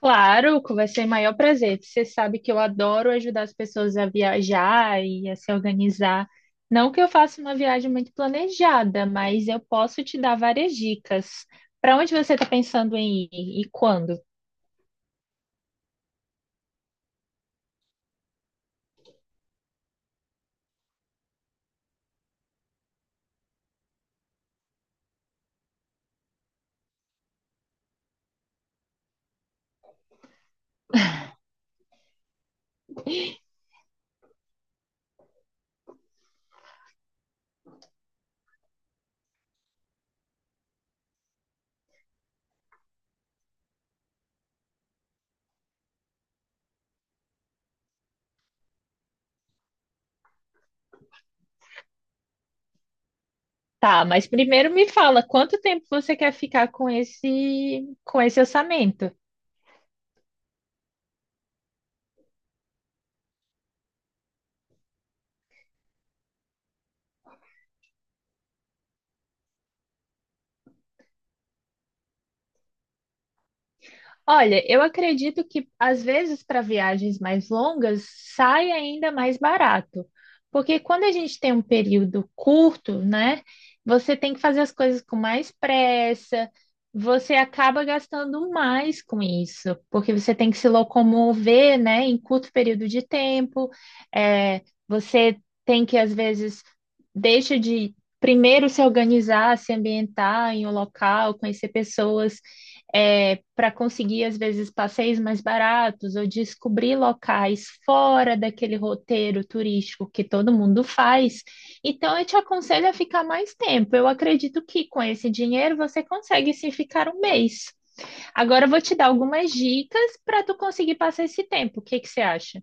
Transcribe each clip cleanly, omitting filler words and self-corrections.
Claro, vai ser o maior prazer. Você sabe que eu adoro ajudar as pessoas a viajar e a se organizar. Não que eu faça uma viagem muito planejada, mas eu posso te dar várias dicas. Para onde você está pensando em ir e quando? Tá, mas primeiro me fala, quanto tempo você quer ficar com esse orçamento? Olha, eu acredito que às vezes para viagens mais longas sai ainda mais barato, porque quando a gente tem um período curto, né, você tem que fazer as coisas com mais pressa, você acaba gastando mais com isso, porque você tem que se locomover, né, em curto período de tempo, é, você tem que às vezes deixa de primeiro se organizar, se ambientar em um local, conhecer pessoas é, para conseguir, às vezes, passeios mais baratos ou descobrir locais fora daquele roteiro turístico que todo mundo faz. Então, eu te aconselho a ficar mais tempo. Eu acredito que com esse dinheiro você consegue sim ficar um mês. Agora eu vou te dar algumas dicas para tu conseguir passar esse tempo. O que que você acha?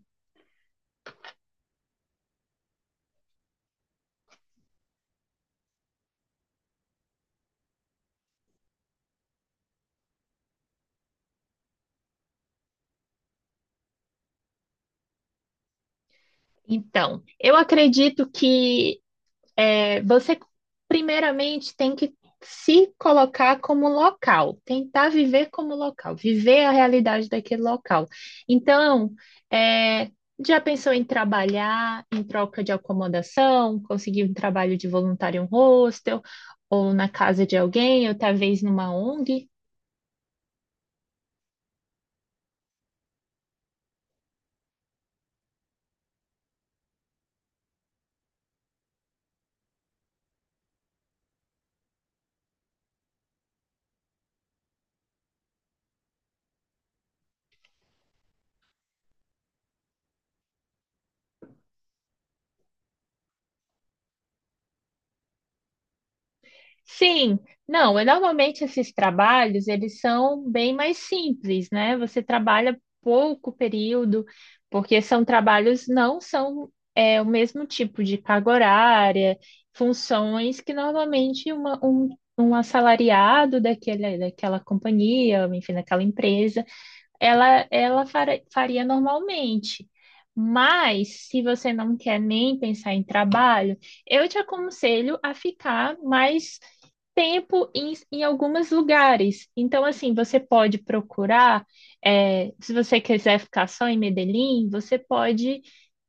Então, eu acredito que é, você primeiramente tem que se colocar como local, tentar viver como local, viver a realidade daquele local. Então, é, já pensou em trabalhar em troca de acomodação, conseguir um trabalho de voluntário em um hostel, ou na casa de alguém, ou talvez numa ONG? Sim, não, é, normalmente esses trabalhos, eles são bem mais simples, né? Você trabalha pouco período, porque são trabalhos, não são é, o mesmo tipo de carga horária, funções que normalmente um assalariado daquele, daquela companhia, enfim, daquela empresa, ela faria normalmente. Mas, se você não quer nem pensar em trabalho, eu te aconselho a ficar mais tempo em alguns lugares. Então, assim, você pode procurar, se você quiser ficar só em Medellín, você pode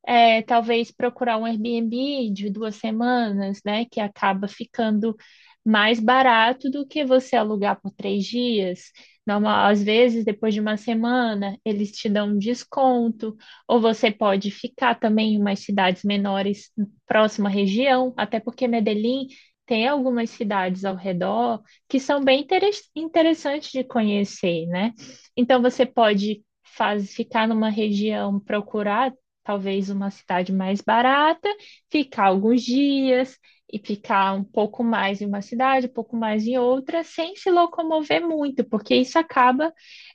é, talvez procurar um Airbnb de duas semanas, né? Que acaba ficando mais barato do que você alugar por três dias. Normal, às vezes, depois de uma semana, eles te dão um desconto, ou você pode ficar também em umas cidades menores próxima à região, até porque Medellín tem algumas cidades ao redor que são bem interessantes de conhecer, né? Então, você pode ficar numa região, procurar talvez uma cidade mais barata, ficar alguns dias e ficar um pouco mais em uma cidade, um pouco mais em outra, sem se locomover muito, porque isso acaba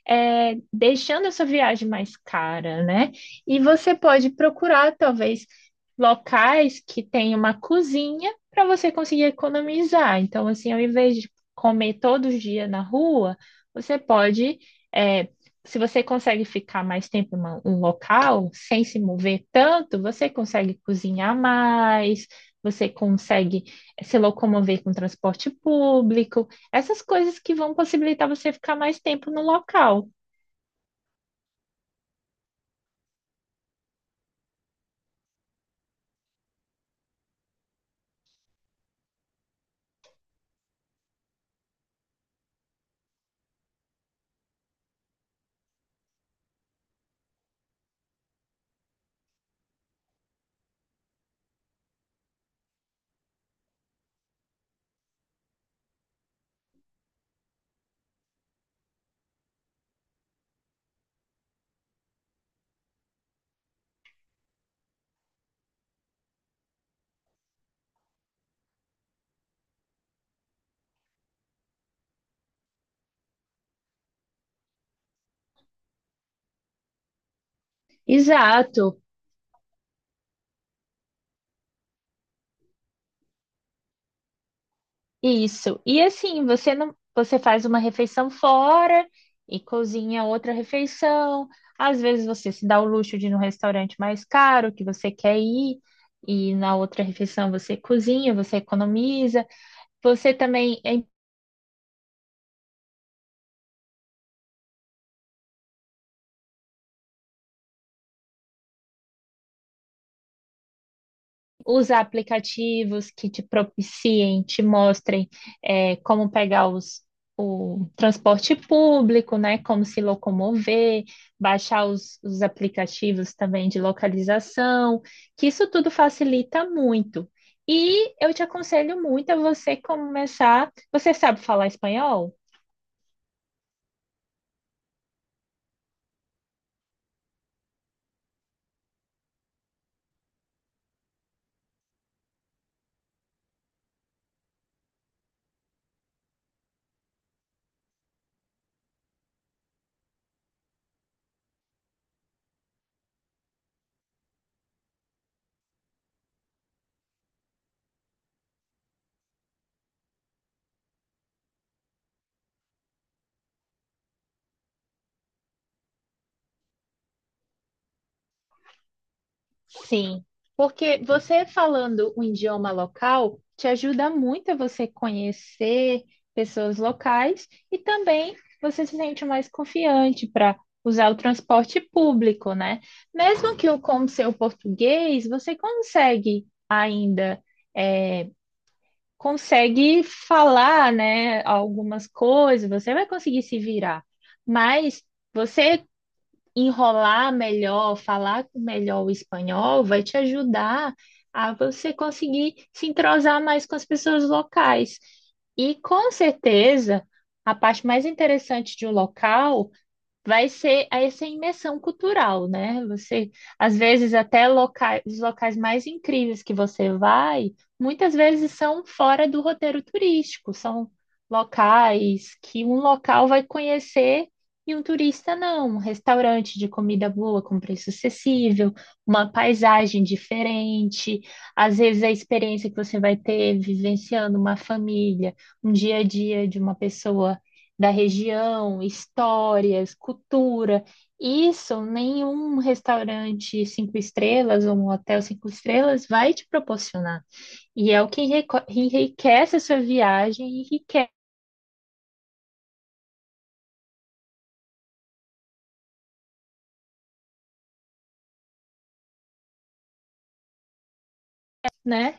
é, deixando essa viagem mais cara, né? E você pode procurar, talvez, locais que tenham uma cozinha para você conseguir economizar. Então, assim, ao invés de comer todo dia na rua, você pode é, se você consegue ficar mais tempo em um local sem se mover tanto, você consegue cozinhar mais, você consegue se locomover com transporte público, essas coisas que vão possibilitar você ficar mais tempo no local. Exato, isso. E assim, você não, você faz uma refeição fora e cozinha outra refeição. Às vezes você se dá o luxo de ir num restaurante mais caro que você quer ir e na outra refeição você cozinha, você economiza. Você também é usar aplicativos que te propiciem, te mostrem é, como pegar o transporte público, né? Como se locomover, baixar os aplicativos também de localização, que isso tudo facilita muito. E eu te aconselho muito a você começar. Você sabe falar espanhol? Sim, porque você falando um idioma local te ajuda muito a você conhecer pessoas locais e também você se sente mais confiante para usar o transporte público, né? Mesmo que o com seu português, você consegue ainda é, consegue falar, né, algumas coisas, você vai conseguir se virar, mas você enrolar melhor, falar melhor o espanhol, vai te ajudar a você conseguir se entrosar mais com as pessoas locais. E com certeza, a parte mais interessante de um local vai ser essa imersão cultural, né? Você, às vezes, até locais, os locais mais incríveis que você vai, muitas vezes são fora do roteiro turístico, são locais que um local vai conhecer e um turista não. Um restaurante de comida boa, com preço acessível, uma paisagem diferente, às vezes a experiência que você vai ter vivenciando uma família, um dia a dia de uma pessoa da região, histórias, cultura. Isso nenhum restaurante cinco estrelas ou um hotel cinco estrelas vai te proporcionar. E é o que enriquece a sua viagem, enriquece, né?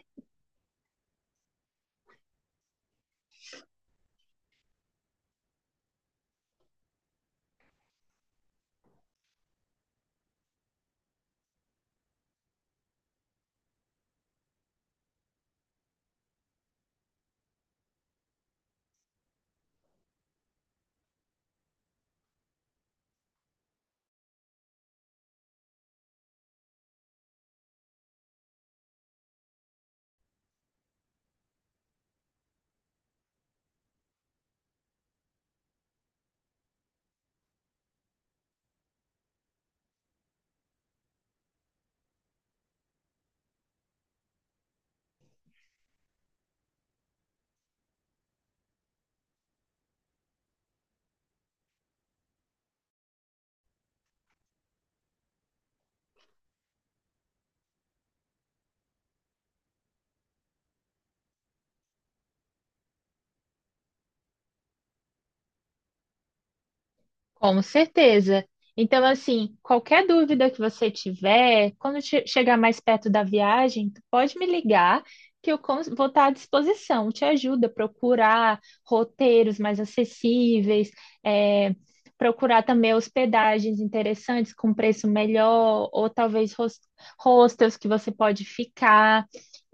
Com certeza. Então, assim, qualquer dúvida que você tiver, quando chegar mais perto da viagem, tu pode me ligar que vou estar à disposição. Te ajuda a procurar roteiros mais acessíveis, é, procurar também hospedagens interessantes com preço melhor, ou talvez hostels que você pode ficar.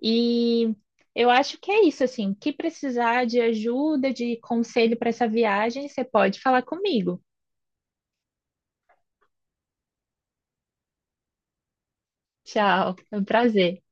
E eu acho que é isso, assim, que precisar de ajuda, de conselho para essa viagem, você pode falar comigo. Tchau, é um prazer.